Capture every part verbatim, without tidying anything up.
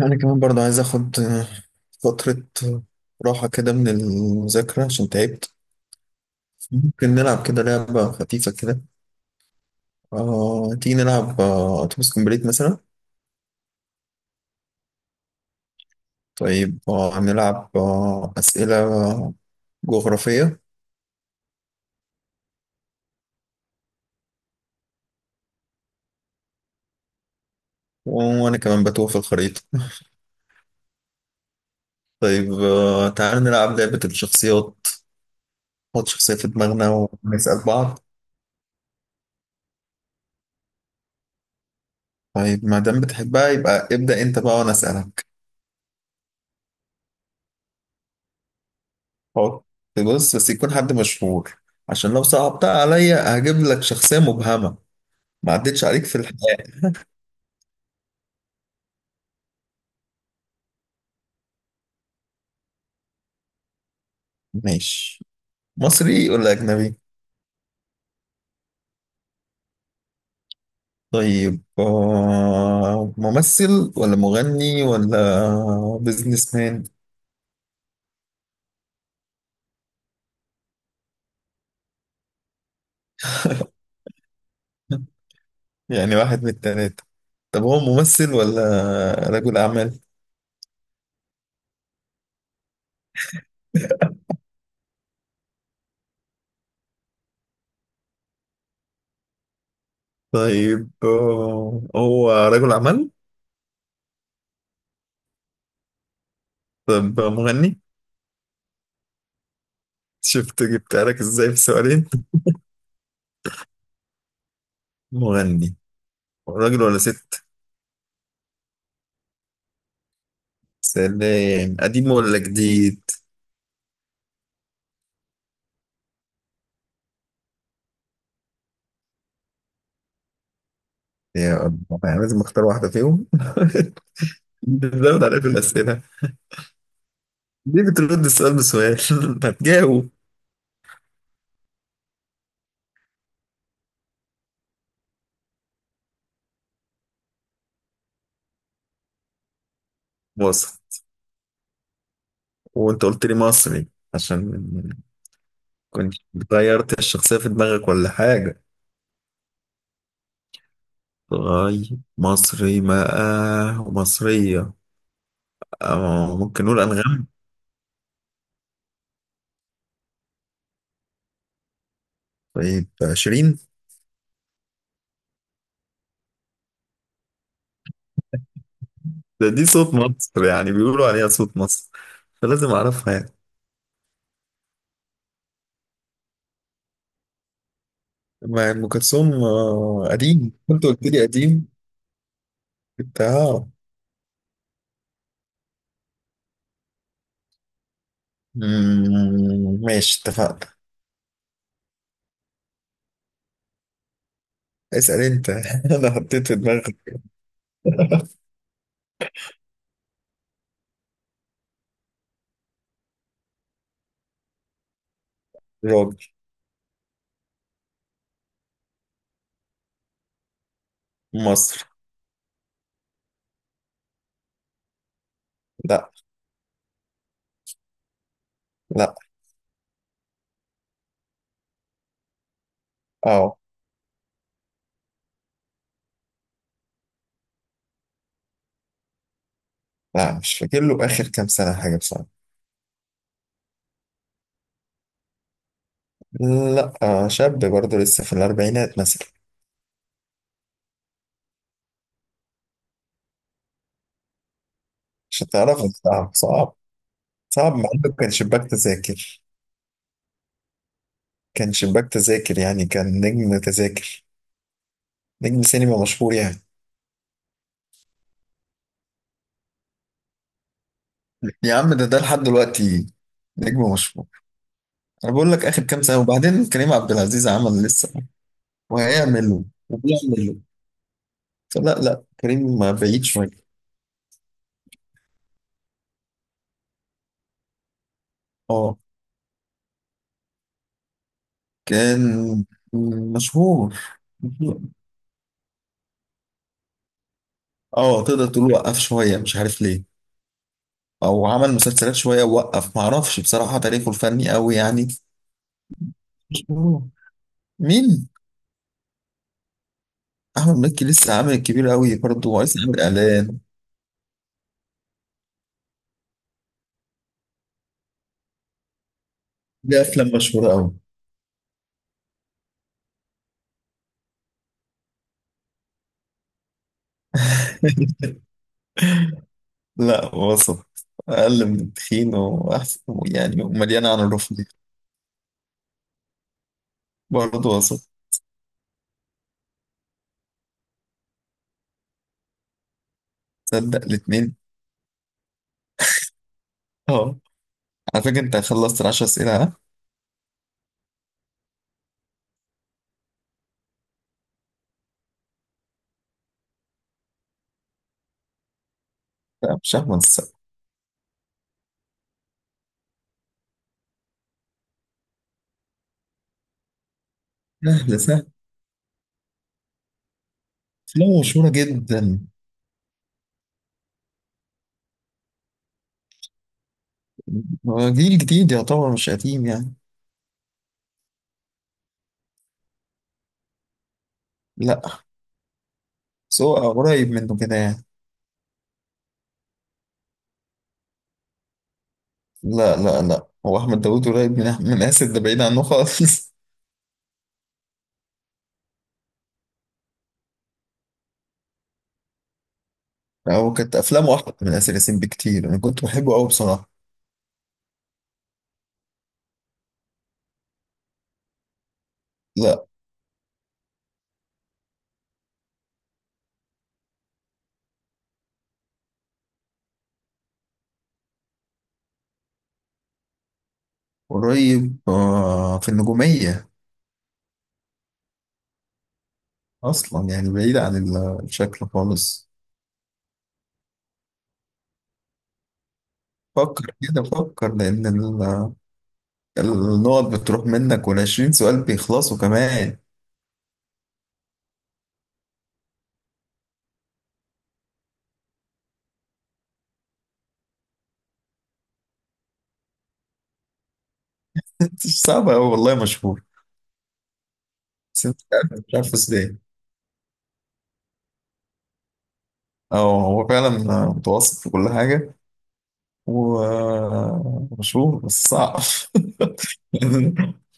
انا كمان برضه عايز اخد فترة راحة كده من المذاكرة عشان تعبت. ممكن نلعب كده لعبة خفيفة كده. آه، تيجي نلعب آه، اتوبيس كومبليت مثلا. طيب، آه، نلعب آه، أسئلة جغرافية. وانا كمان بتوه في الخريطة. طيب، آه، تعال نلعب لعبة الشخصيات، نحط شخصية في دماغنا ونسأل بعض. طيب ما دام بتحبها يبقى ابدأ انت بقى وانا اسألك. حط. بص، بس يكون حد مشهور، عشان لو صعبتها عليا هجيب لك شخصية مبهمة ما عدتش عليك في الحياة. ماشي. مصري ولا أجنبي؟ طيب، آه، ممثل ولا مغني ولا بيزنس مان؟ يعني واحد من التلاتة. طب هو ممثل ولا رجل أعمال؟ طيب، آه، هو رجل أعمال؟ طب مغني؟ شفت جبتها لك ازاي في سؤالين؟ مغني. راجل ولا ست؟ سلام. قديم ولا جديد؟ يا الله، يعني لازم اختار واحدة فيهم. بتزود عليا في الأسئلة. ليه بترد السؤال بسؤال؟ ما تجاوب. مصر. وانت قلت لي مصري، عشان كنت غيرت الشخصية في دماغك ولا حاجة؟ غاي. مصري بقى ومصرية. أو ممكن نقول أنغام. طيب، شيرين. ده دي صوت مصر، يعني بيقولوا عليها صوت مصر فلازم أعرفها يعني. ما أم كلثوم آه، قديم، كنت قلت لي قديم. انت اه. مم، ماشي، اتفقنا. اسأل انت. انا حطيت في دماغي. راجل. مصر. لا. لا. اه. لا، مش فاكر له اخر كام سنة حاجة بصراحة. لا آه شاب برضه لسه في الاربعينات مثلا. مش هتعرف صعب صعب. صعب مع انه كان شباك تذاكر. كان شباك تذاكر، يعني كان نجم تذاكر، نجم سينما مشهور يعني. يا عم، ده ده لحد دلوقتي نجم مشهور. انا بقول لك اخر كام سنة، وبعدين كريم عبد العزيز عمل لسه وهيعمل وبيعمل. لا لا، كريم ما بعيد شوية. اه كان مشهور. اه تقدر تقول وقف شوية مش عارف ليه، او عمل مسلسلات شوية ووقف. معرفش بصراحة تاريخه الفني قوي، يعني مش مشهور. مين؟ احمد مكي لسه عامل الكبير قوي، برضه لسه عامل اعلان. ليه افلام مشهورة قوي. لا وسط، اقل من التخين واحسن، يعني مليانة عن الرفض. برضه وسط. تصدق الاتنين. اه. على فكرة انت خلصت العشر اسئلة، ها؟ لا مش احمد السقا. سهل سهل. لا مشهورة جدا. هو جيل جديد يعتبر، مش قديم يعني. لا، بس هو قريب منه كده يعني. لا لا لا، هو أحمد داوود قريب من أح- من آسر، ده بعيد عنه خالص. هو كانت أفلامه أحلى من آسر ياسين بكتير، أنا كنت بحبه أوي بصراحة. لا. قريب آه، في النجومية أصلا، يعني بعيد عن ال- الشكل خالص. فكر كده فكر، لأن ال- النقط بتروح منك والعشرين سؤال بيخلصوا كمان. صعب أوي والله، مشهور بس أنت مش عارف، مش عارف ازاي. اه هو فعلا متوسط في كل حاجة ومشهور، بس صعب.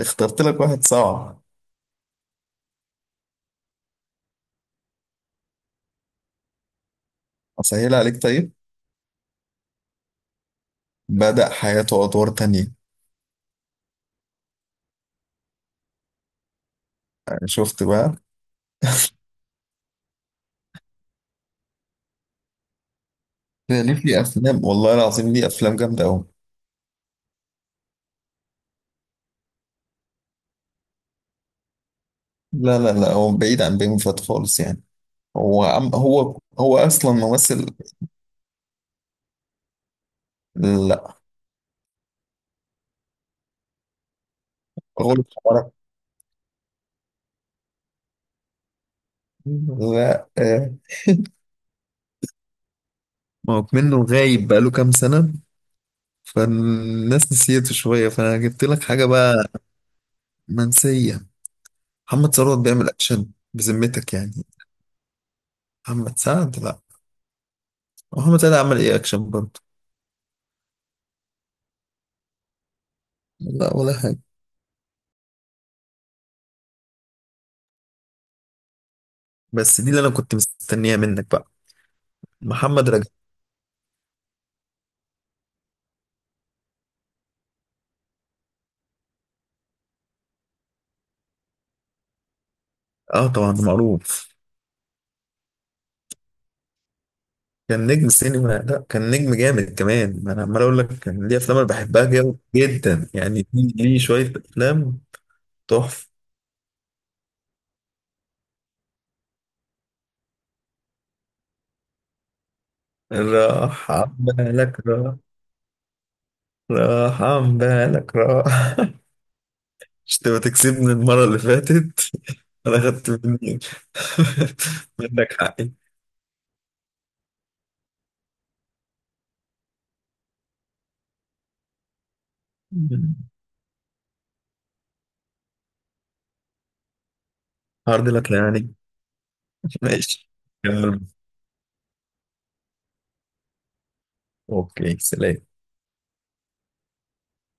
اخترت لك واحد صعب. أسهل عليك طيب، بدأ حياته أدوار تانية. يعني شفت بقى، ده ليه في أفلام والله العظيم، ليه أفلام جامدة أوي. لا لا لا، هو بعيد عن بيومي فات خالص يعني، هو عم هو هو أصلا ممثل. لا. غلط حمارك. لا آه، ما هو منه غايب بقاله كام سنة، فالناس نسيته شوية فأنا جبت لك حاجة بقى منسية. محمد ثروت بيعمل أكشن بذمتك يعني. محمد سعد لا. محمد سعد عمل إيه أكشن برضه. لا ولا حاجة. بس دي اللي أنا كنت مستنيها منك بقى. محمد رجب. آه طبعا معروف. كان نجم سينما، لا كان نجم جامد كمان، ما أنا عمال أقول لك كان ليه أفلام أنا بحبها جدا جدا يعني، ليه ليه شوية أفلام تحفة. راح عن بالك راح. راح عن بالك راح. مش تبقى تكسبني المرة اللي فاتت؟ انا خدت مني، منك حقي. هارد لك يعني. ماشي. كمل. اوكي، سلام.